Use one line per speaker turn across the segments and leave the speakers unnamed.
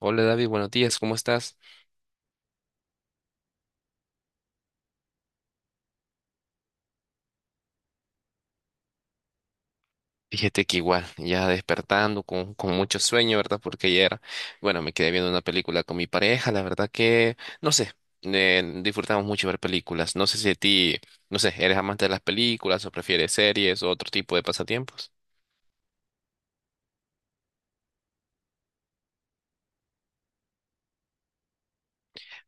Hola David, buenos días, ¿cómo estás? Fíjate que igual, ya despertando con mucho sueño, ¿verdad? Porque ayer, bueno, me quedé viendo una película con mi pareja, la verdad que, no sé, disfrutamos mucho ver películas. No sé si a ti, no sé, ¿eres amante de las películas o prefieres series o otro tipo de pasatiempos?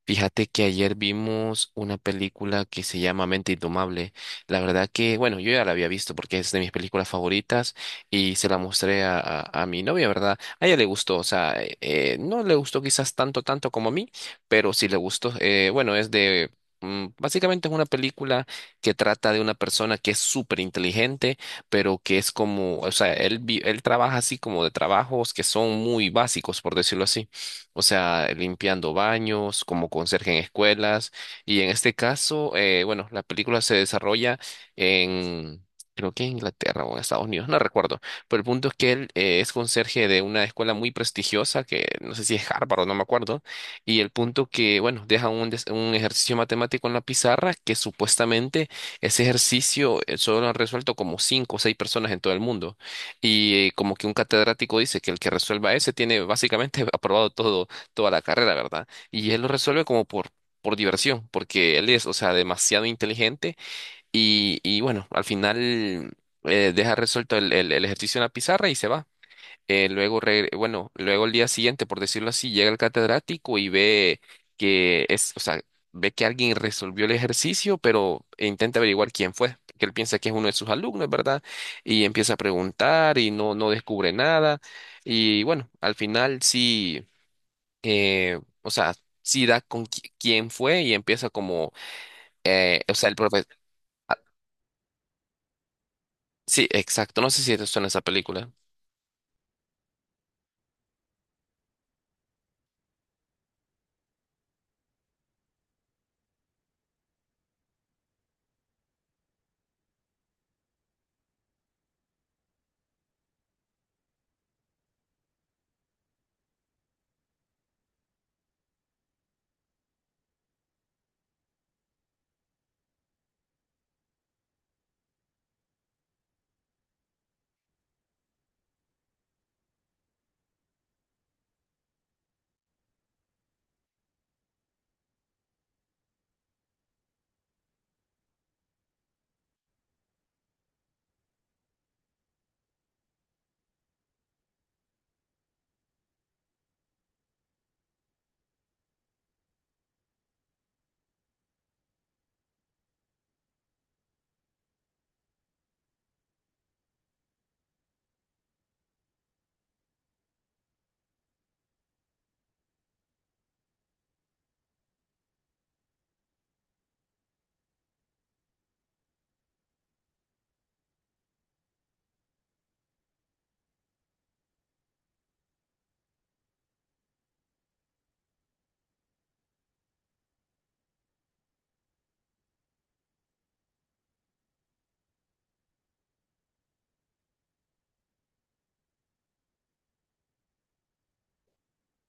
Fíjate que ayer vimos una película que se llama Mente Indomable. La verdad que, bueno, yo ya la había visto porque es de mis películas favoritas y se la mostré a mi novia, ¿verdad? A ella le gustó, o sea, no le gustó quizás tanto, tanto como a mí, pero sí le gustó. Bueno, es de... Básicamente es una película que trata de una persona que es súper inteligente, pero que es como, o sea, él, él trabaja así como de trabajos que son muy básicos, por decirlo así, o sea, limpiando baños, como conserje en escuelas. Y en este caso, bueno, la película se desarrolla en, creo que en Inglaterra o en Estados Unidos, no recuerdo. Pero el punto es que él es conserje de una escuela muy prestigiosa, que no sé si es Harvard o no me acuerdo. Y el punto que, bueno, un ejercicio matemático en la pizarra que supuestamente ese ejercicio solo lo han resuelto como cinco o seis personas en todo el mundo. Y como que un catedrático dice que el que resuelva ese tiene básicamente aprobado todo, toda la carrera, ¿verdad? Y él lo resuelve como por diversión, porque él es, o sea, demasiado inteligente y bueno, al final deja resuelto el ejercicio en la pizarra y se va. Bueno, luego el día siguiente, por decirlo así, llega el catedrático y ve que es, o sea, ve que alguien resolvió el ejercicio, pero e intenta averiguar quién fue, porque él piensa que es uno de sus alumnos, ¿verdad? Y empieza a preguntar y no descubre nada. Y bueno, al final sí, o sea, sí da con quién fue y empieza como, o sea, el profesor. Sí, exacto. No sé si te suena esa película.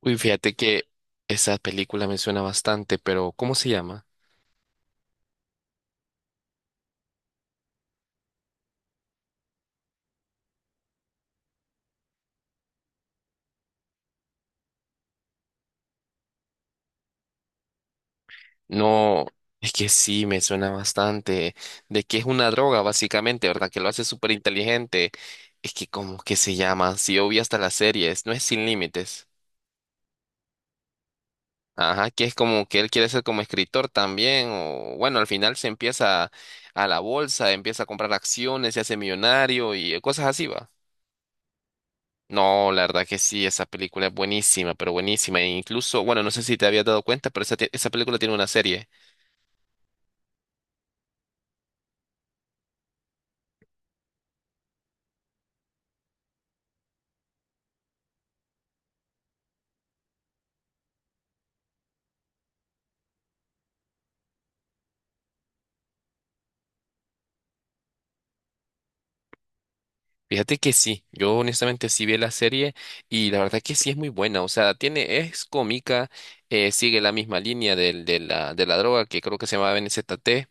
Uy, fíjate que esa película me suena bastante, pero ¿cómo se llama? No, es que sí, me suena bastante. De que es una droga, básicamente, ¿verdad? Que lo hace súper inteligente. Es que, ¿cómo que se llama? Si yo vi hasta las series, no es Sin Límites. Ajá, que es como que él quiere ser como escritor también. O bueno, al final se empieza a la bolsa, empieza a comprar acciones, se hace millonario y cosas así, va. No, la verdad que sí, esa película es buenísima, pero buenísima. E incluso, bueno, no sé si te habías dado cuenta, pero esa película tiene una serie. Fíjate que sí, yo honestamente sí vi la serie y la verdad que sí es muy buena, o sea, tiene, es cómica, sigue la misma línea del- de la droga que creo que se llama NZT.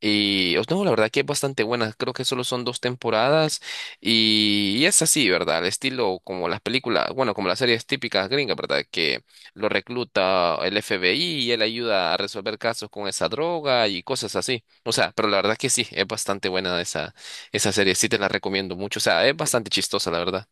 Y os no, la verdad que es bastante buena. Creo que solo son dos temporadas y es así, ¿verdad? El estilo como las películas, bueno, como las series típicas gringas, ¿verdad? Que lo recluta el FBI y él ayuda a resolver casos con esa droga y cosas así. O sea, pero la verdad que sí, es bastante buena esa serie. Sí te la recomiendo mucho. O sea, es bastante chistosa, la verdad.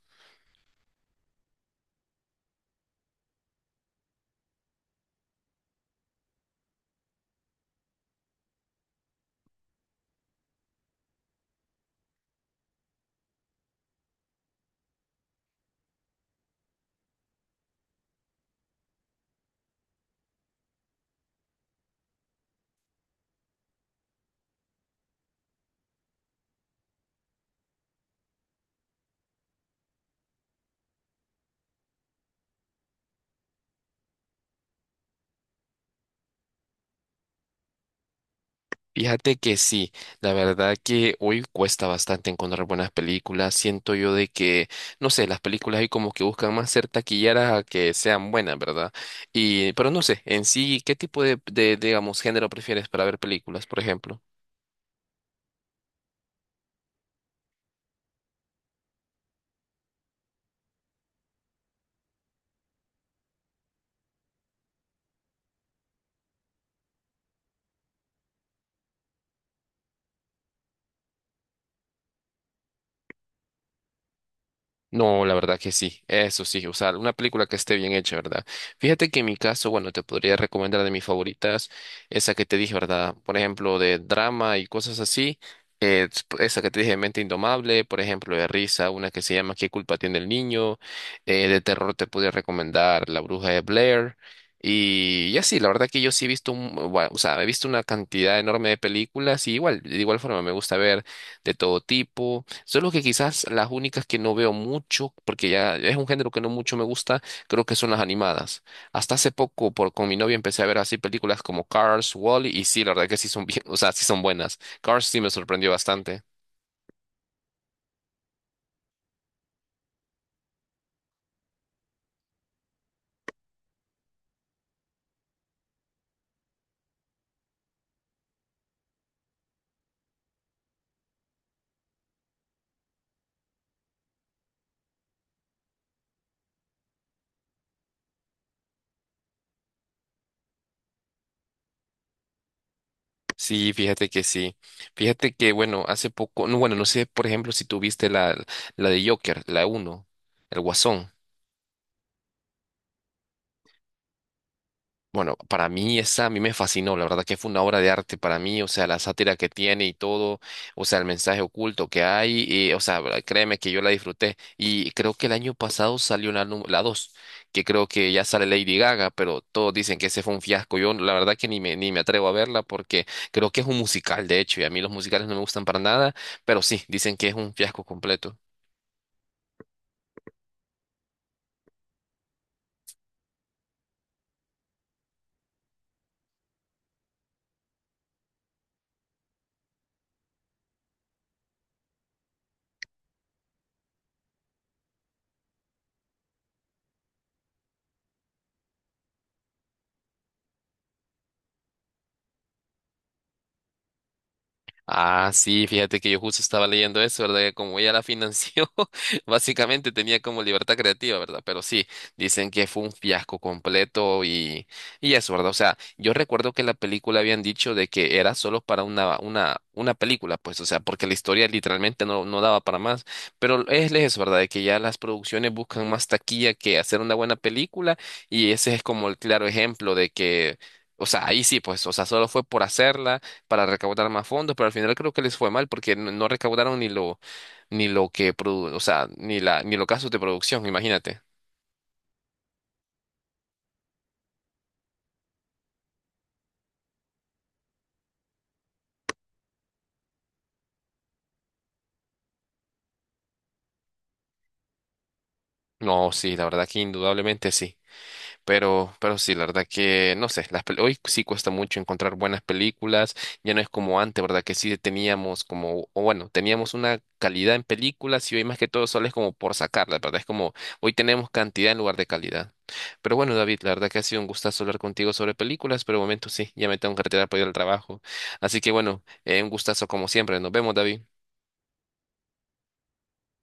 Fíjate que sí, la verdad que hoy cuesta bastante encontrar buenas películas. Siento yo de que, no sé, las películas hoy como que buscan más ser taquilleras a que sean buenas, ¿verdad? Y, pero no sé, en sí, ¿qué tipo digamos, género prefieres para ver películas, por ejemplo? No, la verdad que sí, eso sí, o sea, una película que esté bien hecha, ¿verdad? Fíjate que en mi caso, bueno, te podría recomendar de mis favoritas, esa que te dije, ¿verdad? Por ejemplo, de drama y cosas así, eh, esa que te dije, Mente Indomable, por ejemplo, de risa, una que se llama ¿Qué culpa tiene el niño? De terror te podría recomendar La Bruja de Blair. Y así, la verdad que yo sí he visto, bueno, o sea, he visto una cantidad enorme de películas y igual, de igual forma me gusta ver de todo tipo. Solo que quizás las únicas que no veo mucho, porque ya es un género que no mucho me gusta, creo que son las animadas. Hasta hace poco por, con mi novia empecé a ver así películas como Cars, Wall-E, y sí, la verdad que sí son bien, o sea, sí son buenas. Cars sí me sorprendió bastante. Sí. Fíjate que, bueno, hace poco, no, bueno, no sé, por ejemplo, si tuviste la de Joker, la uno, el Guasón. Bueno, para mí esa a mí me fascinó, la verdad que fue una obra de arte para mí, o sea, la sátira que tiene y todo, o sea, el mensaje oculto que hay, y, o sea, créeme que yo la disfruté y creo que el año pasado salió la 2, que creo que ya sale Lady Gaga, pero todos dicen que ese fue un fiasco, yo la verdad que ni me atrevo a verla porque creo que es un musical, de hecho, y a mí los musicales no me gustan para nada, pero sí, dicen que es un fiasco completo. Ah, sí, fíjate que yo justo estaba leyendo eso, ¿verdad? Que como ella la financió, básicamente tenía como libertad creativa, ¿verdad? Pero sí, dicen que fue un fiasco completo y eso, ¿verdad? O sea, yo recuerdo que la película habían dicho de que era solo para una película, pues, o sea, porque la historia literalmente no daba para más. Pero es eso, ¿verdad? De que ya las producciones buscan más taquilla que hacer una buena película y ese es como el claro ejemplo de que, o sea, ahí sí, pues, o sea, solo fue por hacerla para recaudar más fondos, pero al final creo que les fue mal porque no recaudaron ni lo, ni lo que produ- o sea, ni la, ni los gastos de producción, imagínate. No, sí, la verdad que indudablemente sí. Pero sí, la verdad que, no sé, las hoy sí cuesta mucho encontrar buenas películas, ya no es como antes, ¿verdad? Que sí teníamos como, o bueno, teníamos una calidad en películas y hoy más que todo solo es como por sacarla, ¿verdad? Es como, hoy tenemos cantidad en lugar de calidad. Pero bueno, David, la verdad que ha sido un gustazo hablar contigo sobre películas, pero de momento sí, ya me tengo que retirar para ir al trabajo. Así que bueno, un gustazo como siempre, nos vemos, David.